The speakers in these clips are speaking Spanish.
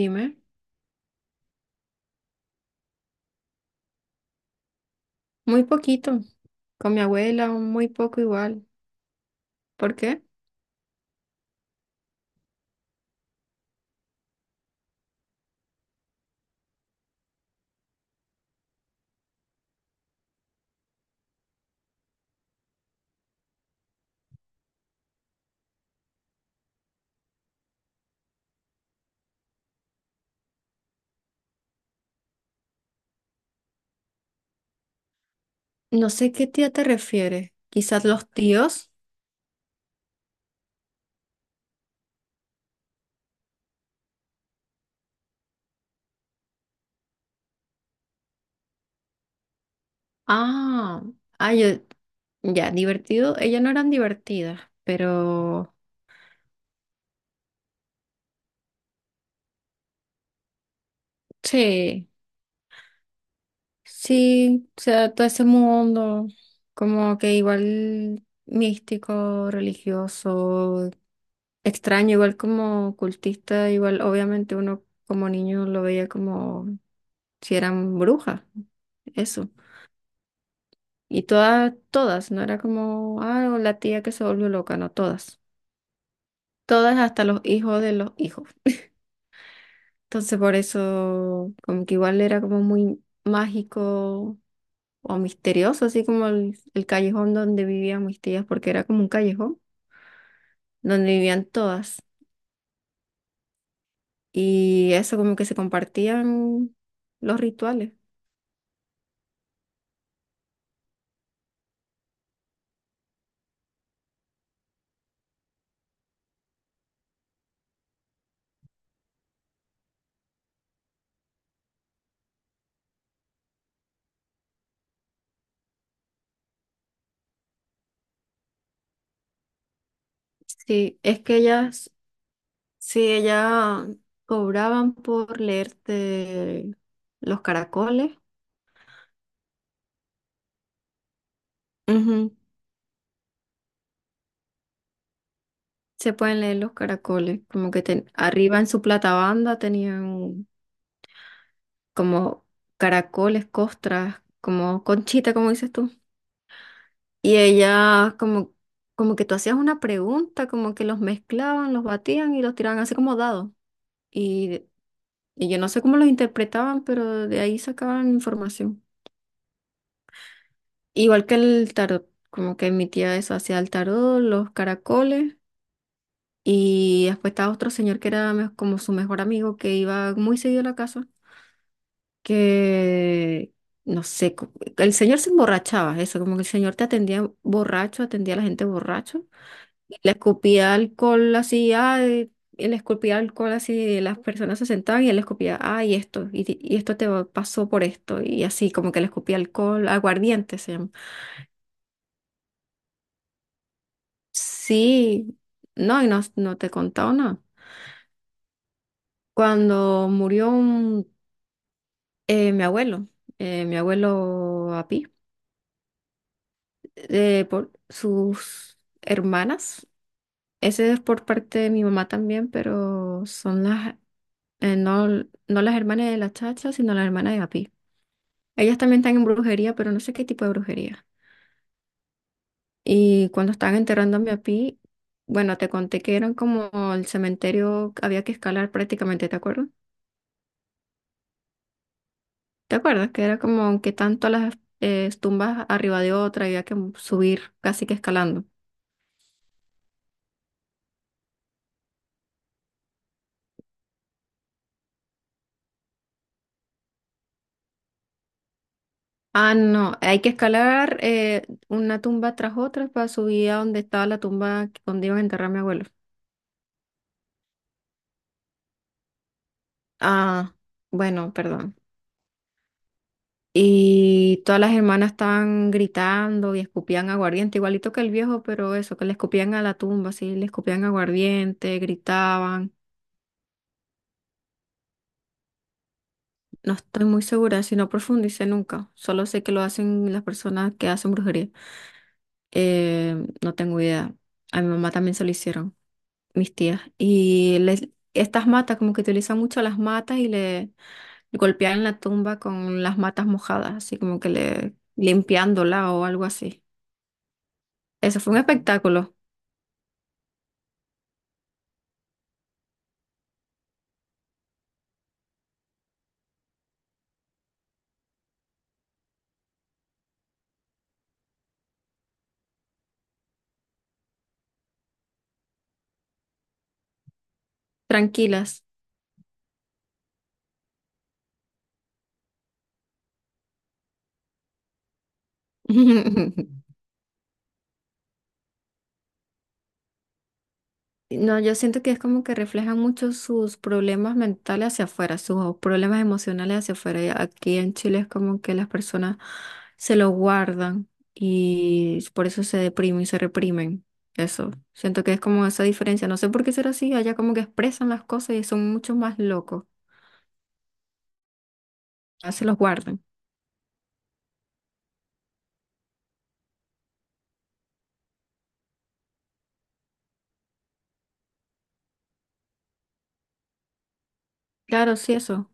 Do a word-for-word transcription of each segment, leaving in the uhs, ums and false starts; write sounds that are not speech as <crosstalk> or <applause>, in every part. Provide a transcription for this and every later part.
Dime, muy poquito. Con mi abuela, un muy poco igual. ¿Por qué? No sé qué tía te refieres. Quizás los tíos. Ah, ah, yo, ya, divertido. Ellas no eran divertidas, pero sí, sí, o sea, todo ese mundo, como que igual místico, religioso, extraño, igual como cultista, igual obviamente uno como niño lo veía como si eran brujas, eso. Y todas, todas, no era como, ah, o la tía que se volvió loca, no, todas. Todas hasta los hijos de los hijos. Entonces por eso, como que igual era como muy mágico o misterioso, así como el, el callejón donde vivían mis tías, porque era como un callejón donde vivían todas. Y eso como que se compartían los rituales. Sí, es que ellas, sí, ellas cobraban por leerte los caracoles. Ujú. Se pueden leer los caracoles, como que ten- arriba en su platabanda tenían como caracoles, costras, como conchita, como dices tú. Y ella como, como que tú hacías una pregunta, como que los mezclaban, los batían y los tiraban así como dados. Y, y yo no sé cómo los interpretaban, pero de ahí sacaban información. Igual que el tarot, como que mi tía eso hacía el tarot, los caracoles. Y después estaba otro señor que era me- como su mejor amigo que iba muy seguido a la casa. Que, no sé, co- el señor se emborrachaba, eso, como que el señor te atendía borracho, atendía a la gente borracho, y le escupía alcohol así, ay, y le escupía alcohol así, y las personas se sentaban y él le escupía, ay, esto, y, y esto te va- pasó por esto, y así, como que le escupía alcohol, aguardiente se llama. Sí, no, y no, no te he contado nada. Cuando murió un- eh, mi abuelo, eh, mi abuelo Api, eh, por sus hermanas. Ese es por parte de mi mamá también, pero son las, eh, no, no las hermanas de la chacha, sino las hermanas de Api. Ellas también están en brujería, pero no sé qué tipo de brujería. Y cuando estaban enterrando a mi Api, bueno, te conté que eran como el cementerio, que había que escalar prácticamente, ¿te acuerdas? ¿Te acuerdas? Que era como que tanto las eh, tumbas arriba de otra, había que subir casi que escalando. Ah, no, hay que escalar eh, una tumba tras otra para subir a donde estaba la tumba donde iban a enterrar a mi abuelo. Ah, bueno, perdón. Y todas las hermanas estaban gritando y escupían aguardiente, igualito que el viejo, pero eso, que le escupían a la tumba, sí, le escupían aguardiente, gritaban. No estoy muy segura, si no profundicé nunca. Solo sé que lo hacen las personas que hacen brujería. Eh, no tengo idea. A mi mamá también se lo hicieron, mis tías. Y les, estas matas, como que utilizan mucho las matas y le golpean la tumba con las matas mojadas, así como que le limpiándola o algo así. Eso fue un espectáculo. Tranquilas. <laughs> No, yo siento que es como que reflejan mucho sus problemas mentales hacia afuera, sus problemas emocionales hacia afuera. Y aquí en Chile es como que las personas se lo guardan y por eso se deprimen y se reprimen. Eso, siento que es como esa diferencia. No sé por qué será así, allá como que expresan las cosas y son mucho más locos. Ya se los guardan. Claro, sí, eso.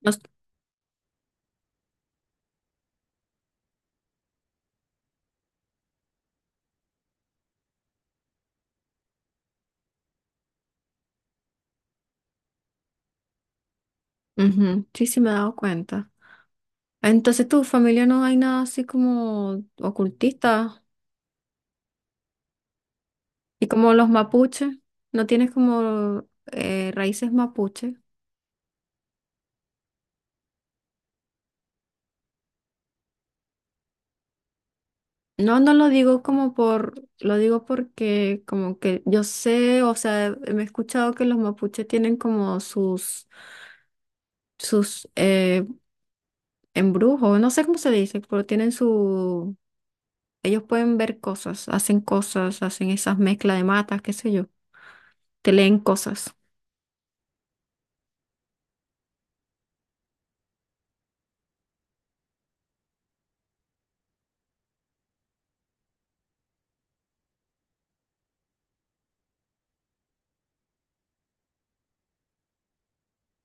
Nos- Ujú, sí, sí me he dado cuenta. Entonces, ¿tu familia no hay nada así como ocultista? ¿Y como los mapuches? ¿No tienes como eh, raíces mapuche? No, no lo digo como por, lo digo porque como que yo sé, o sea, me he escuchado que los mapuches tienen como sus, sus eh, embrujos, no sé cómo se dice, pero tienen su, ellos pueden ver cosas, hacen cosas, hacen esas mezclas de matas, qué sé yo, te leen cosas.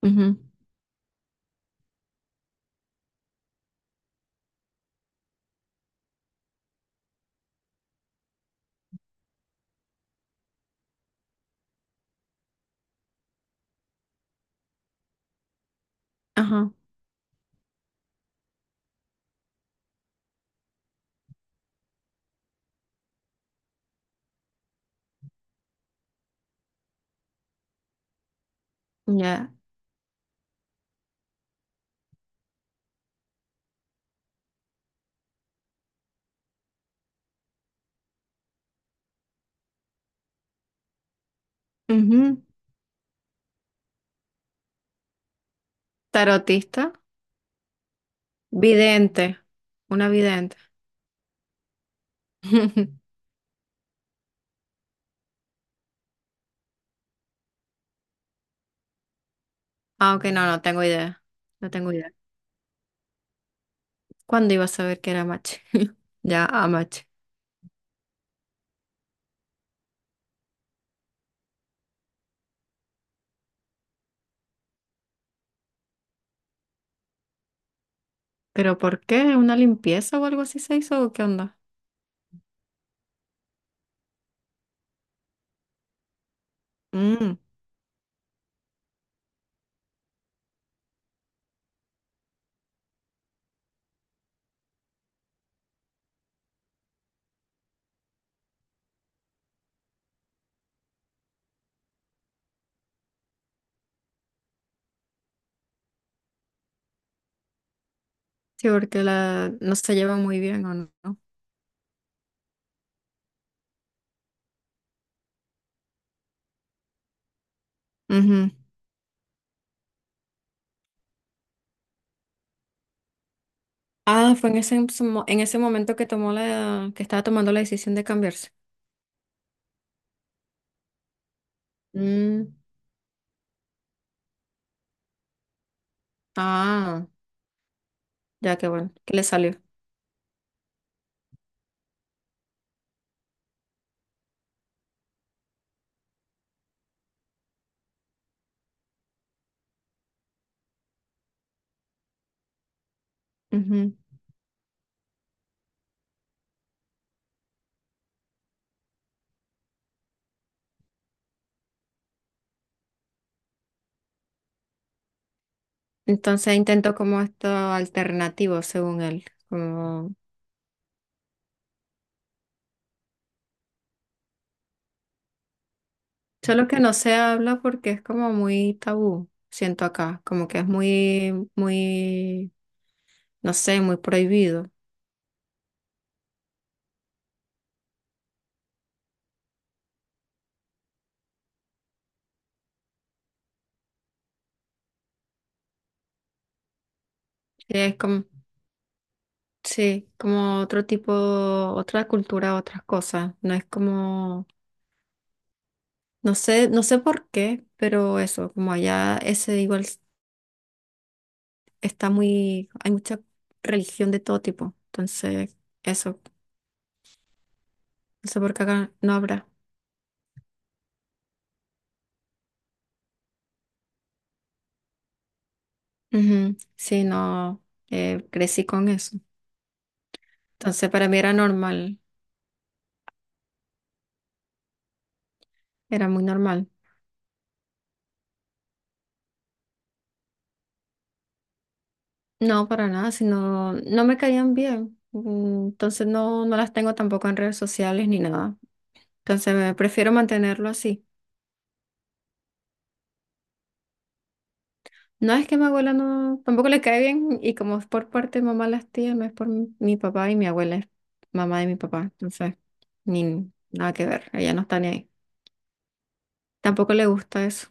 Ujú. Ajá, ya. Ujú. Tarotista, vidente, una vidente. <laughs> Aunque no, no tengo idea. No tengo idea. ¿Cuándo iba a saber que era mache? <laughs> Ya, a mache. ¿Pero por qué? ¿Una limpieza o algo así se hizo o qué onda? Mm, sí, porque la no se lleva muy bien o no. Ujú. Ah, fue en ese, mo- en ese momento que tomó la, que estaba tomando la decisión de cambiarse. Mm, ah, ya que bueno, que le salió. Ujú. Entonces intentó como esto alternativo, según él. Como solo que no se habla porque es como muy tabú, siento acá, como que es muy, muy, no sé, muy prohibido. Es como, sí, como otro tipo, otra cultura, otras cosas. No es como, no sé, no sé por qué, pero eso, como allá ese igual s- está muy, hay mucha religión de todo tipo. Entonces, eso, no sé por qué acá no habrá. Ujú, sí, no, eh, crecí con eso. Entonces, para mí era normal, era muy normal. No, para nada, sino no me caían bien. Mm, entonces no, no las tengo tampoco en redes sociales ni nada. Entonces eh, prefiero mantenerlo así. No es que mi abuela no, tampoco le cae bien y como es por parte de mamá las tías, no es por mi, mi papá y mi abuela es mamá de mi papá. Entonces, ni nada que ver, ella no está ni ahí. Tampoco le gusta eso.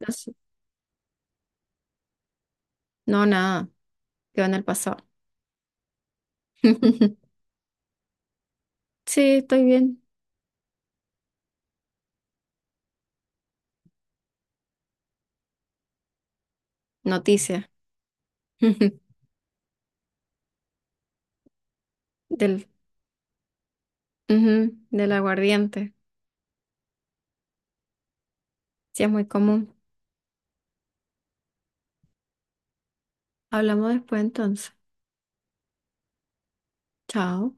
Entonces, no, nada, quedó en el pasado. <laughs> Sí, estoy bien. Noticias. <laughs> Del, ujú, del aguardiente. Sí, es muy común. Hablamos después entonces. Chao.